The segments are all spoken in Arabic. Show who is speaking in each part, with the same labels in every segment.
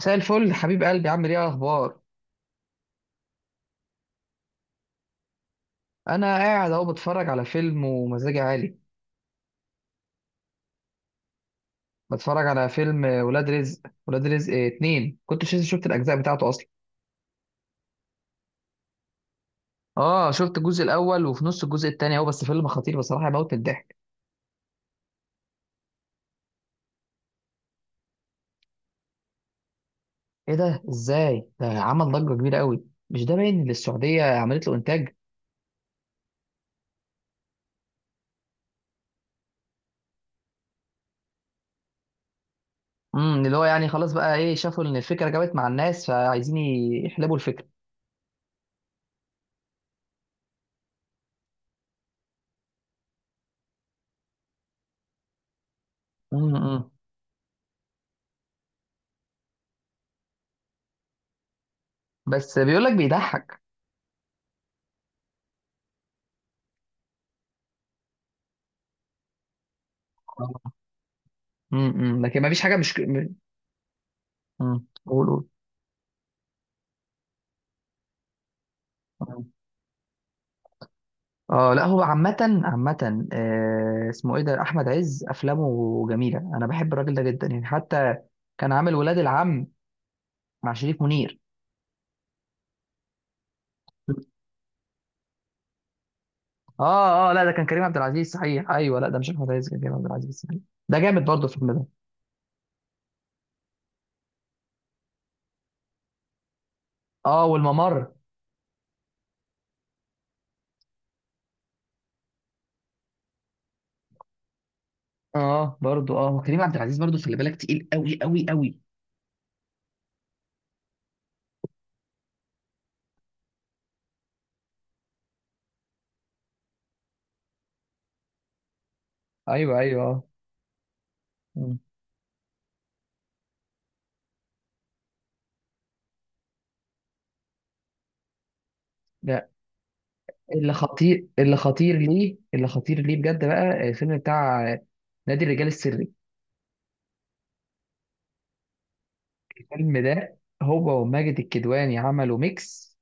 Speaker 1: مساء الفل، حبيب قلبي. عامل ايه؟ اخبار؟ انا قاعد اهو بتفرج على فيلم ومزاجي عالي. بتفرج على فيلم ولاد رزق. ولاد رزق 2. كنت شفت الاجزاء بتاعته اصلا. اه شفت الجزء الاول وفي نص الجزء التاني اهو. بس فيلم خطير بصراحه، يموت من الضحك. ايه ده؟ ازاي ده عمل ضجه كبيره قوي؟ مش ده باين ان السعوديه عملت له انتاج. اللي هو يعني خلاص بقى، ايه، شافوا ان الفكره جابت مع الناس فعايزين يحلبوا الفكره. امم بس بيقول لك بيضحك. لكن ما فيش حاجه مش. قول. قول. اه لا، هو عامة. عامة، اسمه ايه ده، احمد عز افلامه جميلة، انا بحب الراجل ده جدا يعني. حتى كان عامل ولاد العم مع شريف منير. اه اه لا، ده كان كريم عبد العزيز، صحيح. ايوه لا ده مش احمد عز، كان كريم عبد العزيز صحيح. ده جامد برضه الفيلم ده. اه، والممر. اه برضه اه، وكريم عبد العزيز برضه خلي بالك، تقيل قوي قوي قوي. ايوه ايوه اه. مم. لا، اللي خطير، اللي خطير ليه، اللي خطير ليه بجد بقى، الفيلم بتاع نادي الرجال السري. الفيلم ده، هو وماجد الكدواني عملوا ميكس،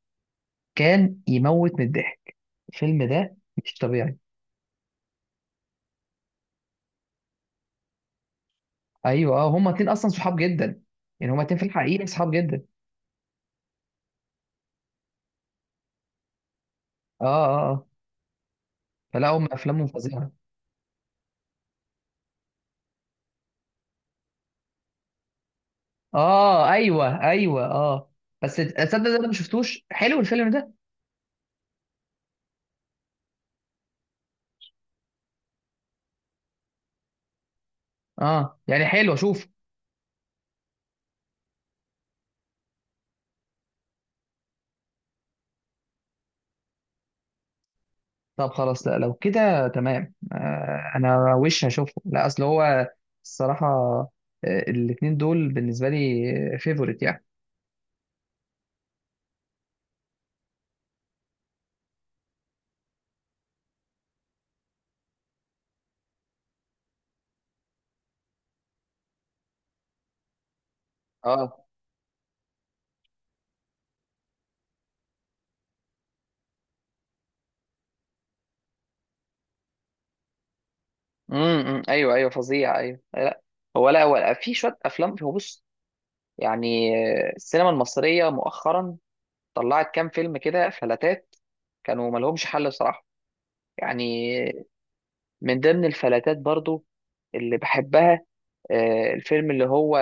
Speaker 1: كان يموت من الضحك الفيلم ده. مش طبيعي. ايوه اه، هما اتنين اصلا صحاب جدا يعني، هما اتنين في الحقيقه صحاب جدا. اه اه اه. فلا، هم افلامهم فظيعه. اه ايوه ايوه اه. بس تصدق ده انا ما شفتوش، حلو الفيلم ده؟ اه يعني حلو، اشوف. طب خلاص، لا لو كده تمام آه، انا وش هشوفه. لا اصل هو الصراحه، الاتنين دول بالنسبه لي فيفورت يعني. اه. ايوه ايوه فظيع، ايوه لا هو، لا هو في شويه افلام، هو بص يعني. السينما المصريه مؤخرا طلعت كام فيلم كده فلاتات كانوا ما لهمش حل بصراحه يعني. من ضمن الفلاتات برضو اللي بحبها، الفيلم اللي هو،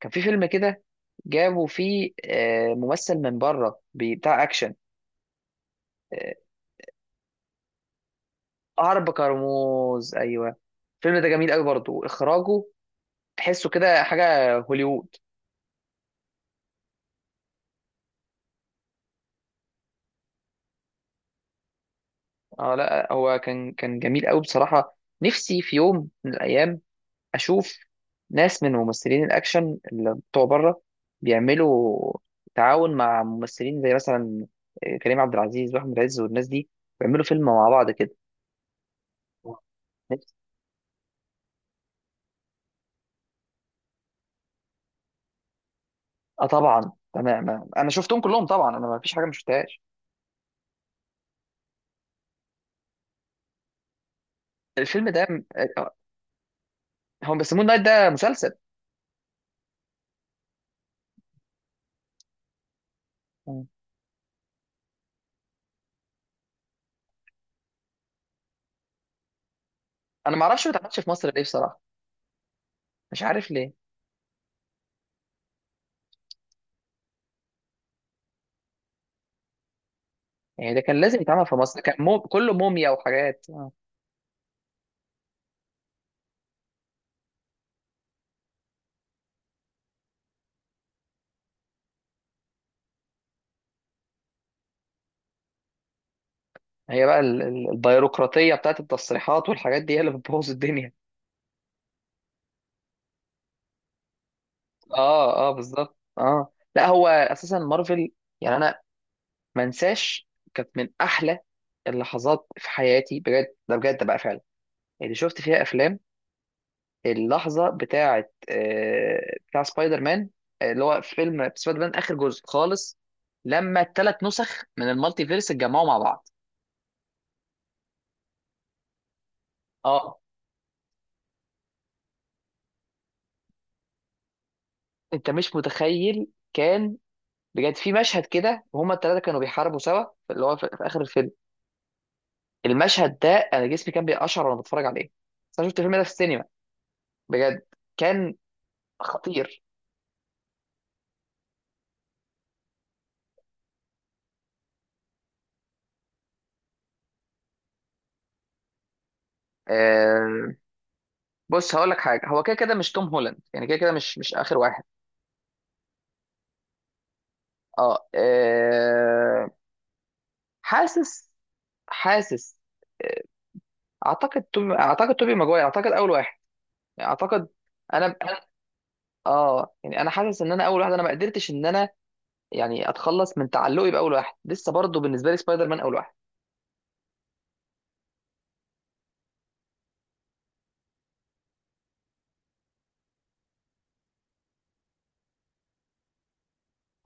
Speaker 1: كان في فيلم كده جابوا فيه ممثل من بره، بتاع اكشن. آه، عرب كرموز، ايوه. الفيلم ده جميل قوي برضو اخراجه، تحسه كده حاجه هوليوود. اه لا هو كان جميل قوي بصراحة. نفسي في يوم من الأيام أشوف ناس من ممثلين الأكشن اللي بتوع بره بيعملوا تعاون مع ممثلين زي مثلا كريم عبد العزيز وأحمد عز والناس دي، بيعملوا فيلم مع بعض كده. نفسي- اه طبعا، أنا ما- أنا شفتهم كلهم طبعا، أنا ما فيش حاجة ما شفتهاش. الفيلم ده، آه، هم بيسموه النايت، ده مسلسل. مم. أنا ما أعرفش ما اتعملش في مصر ليه بصراحة. مش عارف ليه. يعني ده كان لازم يتعمل في مصر، كان كله موميا وحاجات. هي بقى البيروقراطية بتاعت التصريحات والحاجات دي، هي اللي بتبوظ الدنيا. اه اه بالظبط. اه لا هو اساسا مارفل يعني، انا ما انساش كانت من احلى اللحظات في حياتي بجد، ده بجد بقى فعلا اللي شفت فيها افلام. اللحظة بتاعت آه، بتاع سبايدر مان، اللي هو في فيلم سبايدر مان اخر جزء خالص، لما 3 نسخ من المالتي فيرس اتجمعوا مع بعض. اه. انت مش متخيل. كان بجد في مشهد كده وهما 3 كانوا بيحاربوا سوا، اللي هو في آخر الفيلم. المشهد ده أنا جسمي كان بيقشعر وأنا بتفرج عليه. بس أنا شفت الفيلم ده في السينما، بجد كان خطير. آه، بص هقول لك حاجة، هو كده كده مش توم هولاند يعني، كده كده مش، مش آخر واحد. اه، آه. حاسس، حاسس، آه، اعتقد توبي، اعتقد توبي ماجواير اعتقد اول واحد يعني، اعتقد. انا اه يعني انا حاسس ان انا اول واحد، انا ما قدرتش ان انا يعني اتخلص من تعلقي باول واحد، لسه برضه بالنسبه لي سبايدر مان اول واحد.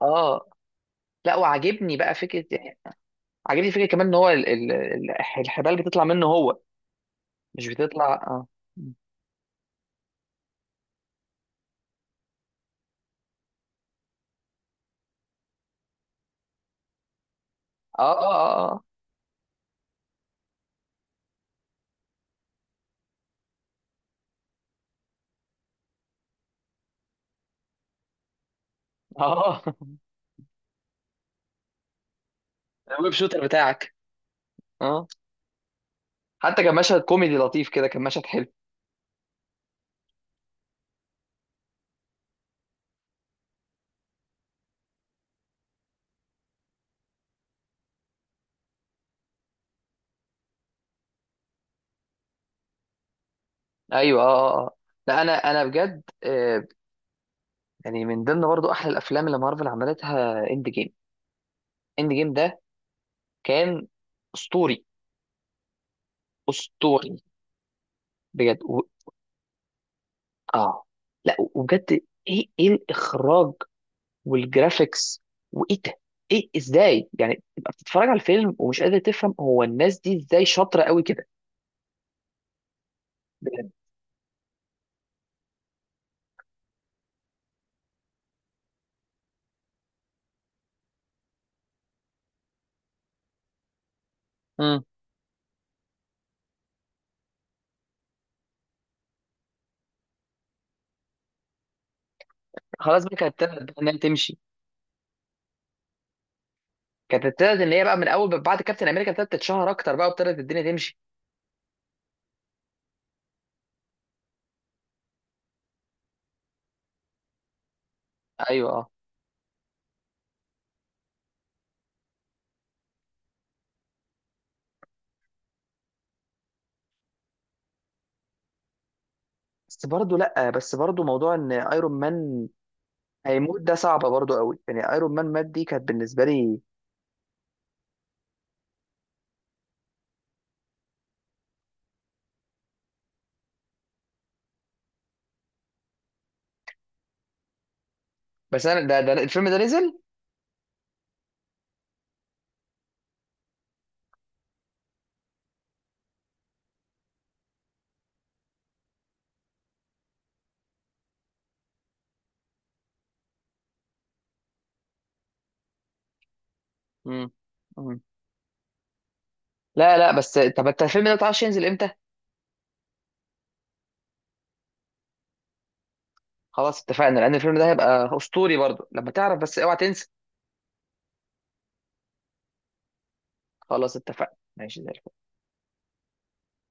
Speaker 1: اه لا، وعاجبني بقى فكره يعني، عاجبني فكره كمان ان هو الحبال بتطلع منه هو، مش بتطلع اه. اه اه اه اه آه. الويب شوتر بتاعك. اه حتى كان مشهد كوميدي لطيف كده، كان مشهد حلو. ايوه اه اه آه. لا، انا بجد آه، يعني من ضمن برضو احلى الافلام اللي مارفل عملتها، اند جيم. اند جيم ده كان اسطوري، اسطوري بجد و... اه لا وبجد، ايه، ايه الاخراج والجرافيكس وايه ده، ايه، ازاي يعني تبقى بتتفرج على الفيلم ومش قادر تفهم هو الناس دي ازاي شاطره قوي كده؟ بجد. امم خلاص بقى، كانت ابتدت بقى انها تمشي، كانت ابتدت ان هي بقى من اول بعد كابتن امريكا ابتدت تتشهر اكتر بقى وابتدت الدنيا تمشي. ايوه اه. بس برضه لا، بس برضه موضوع ان ايرون مان هيموت، ده صعبه برضه قوي يعني، ايرون مان مات دي كانت بالنسبه لي. بس انا ده الفيلم ده نزل؟ امم مم. لا لا، بس طب انت الفيلم ده متعرفش ينزل امتى؟ خلاص اتفقنا، لان الفيلم ده هيبقى اسطوري برضه لما تعرف، بس اوعى تنسى. خلاص اتفقنا، ماشي زي الفل.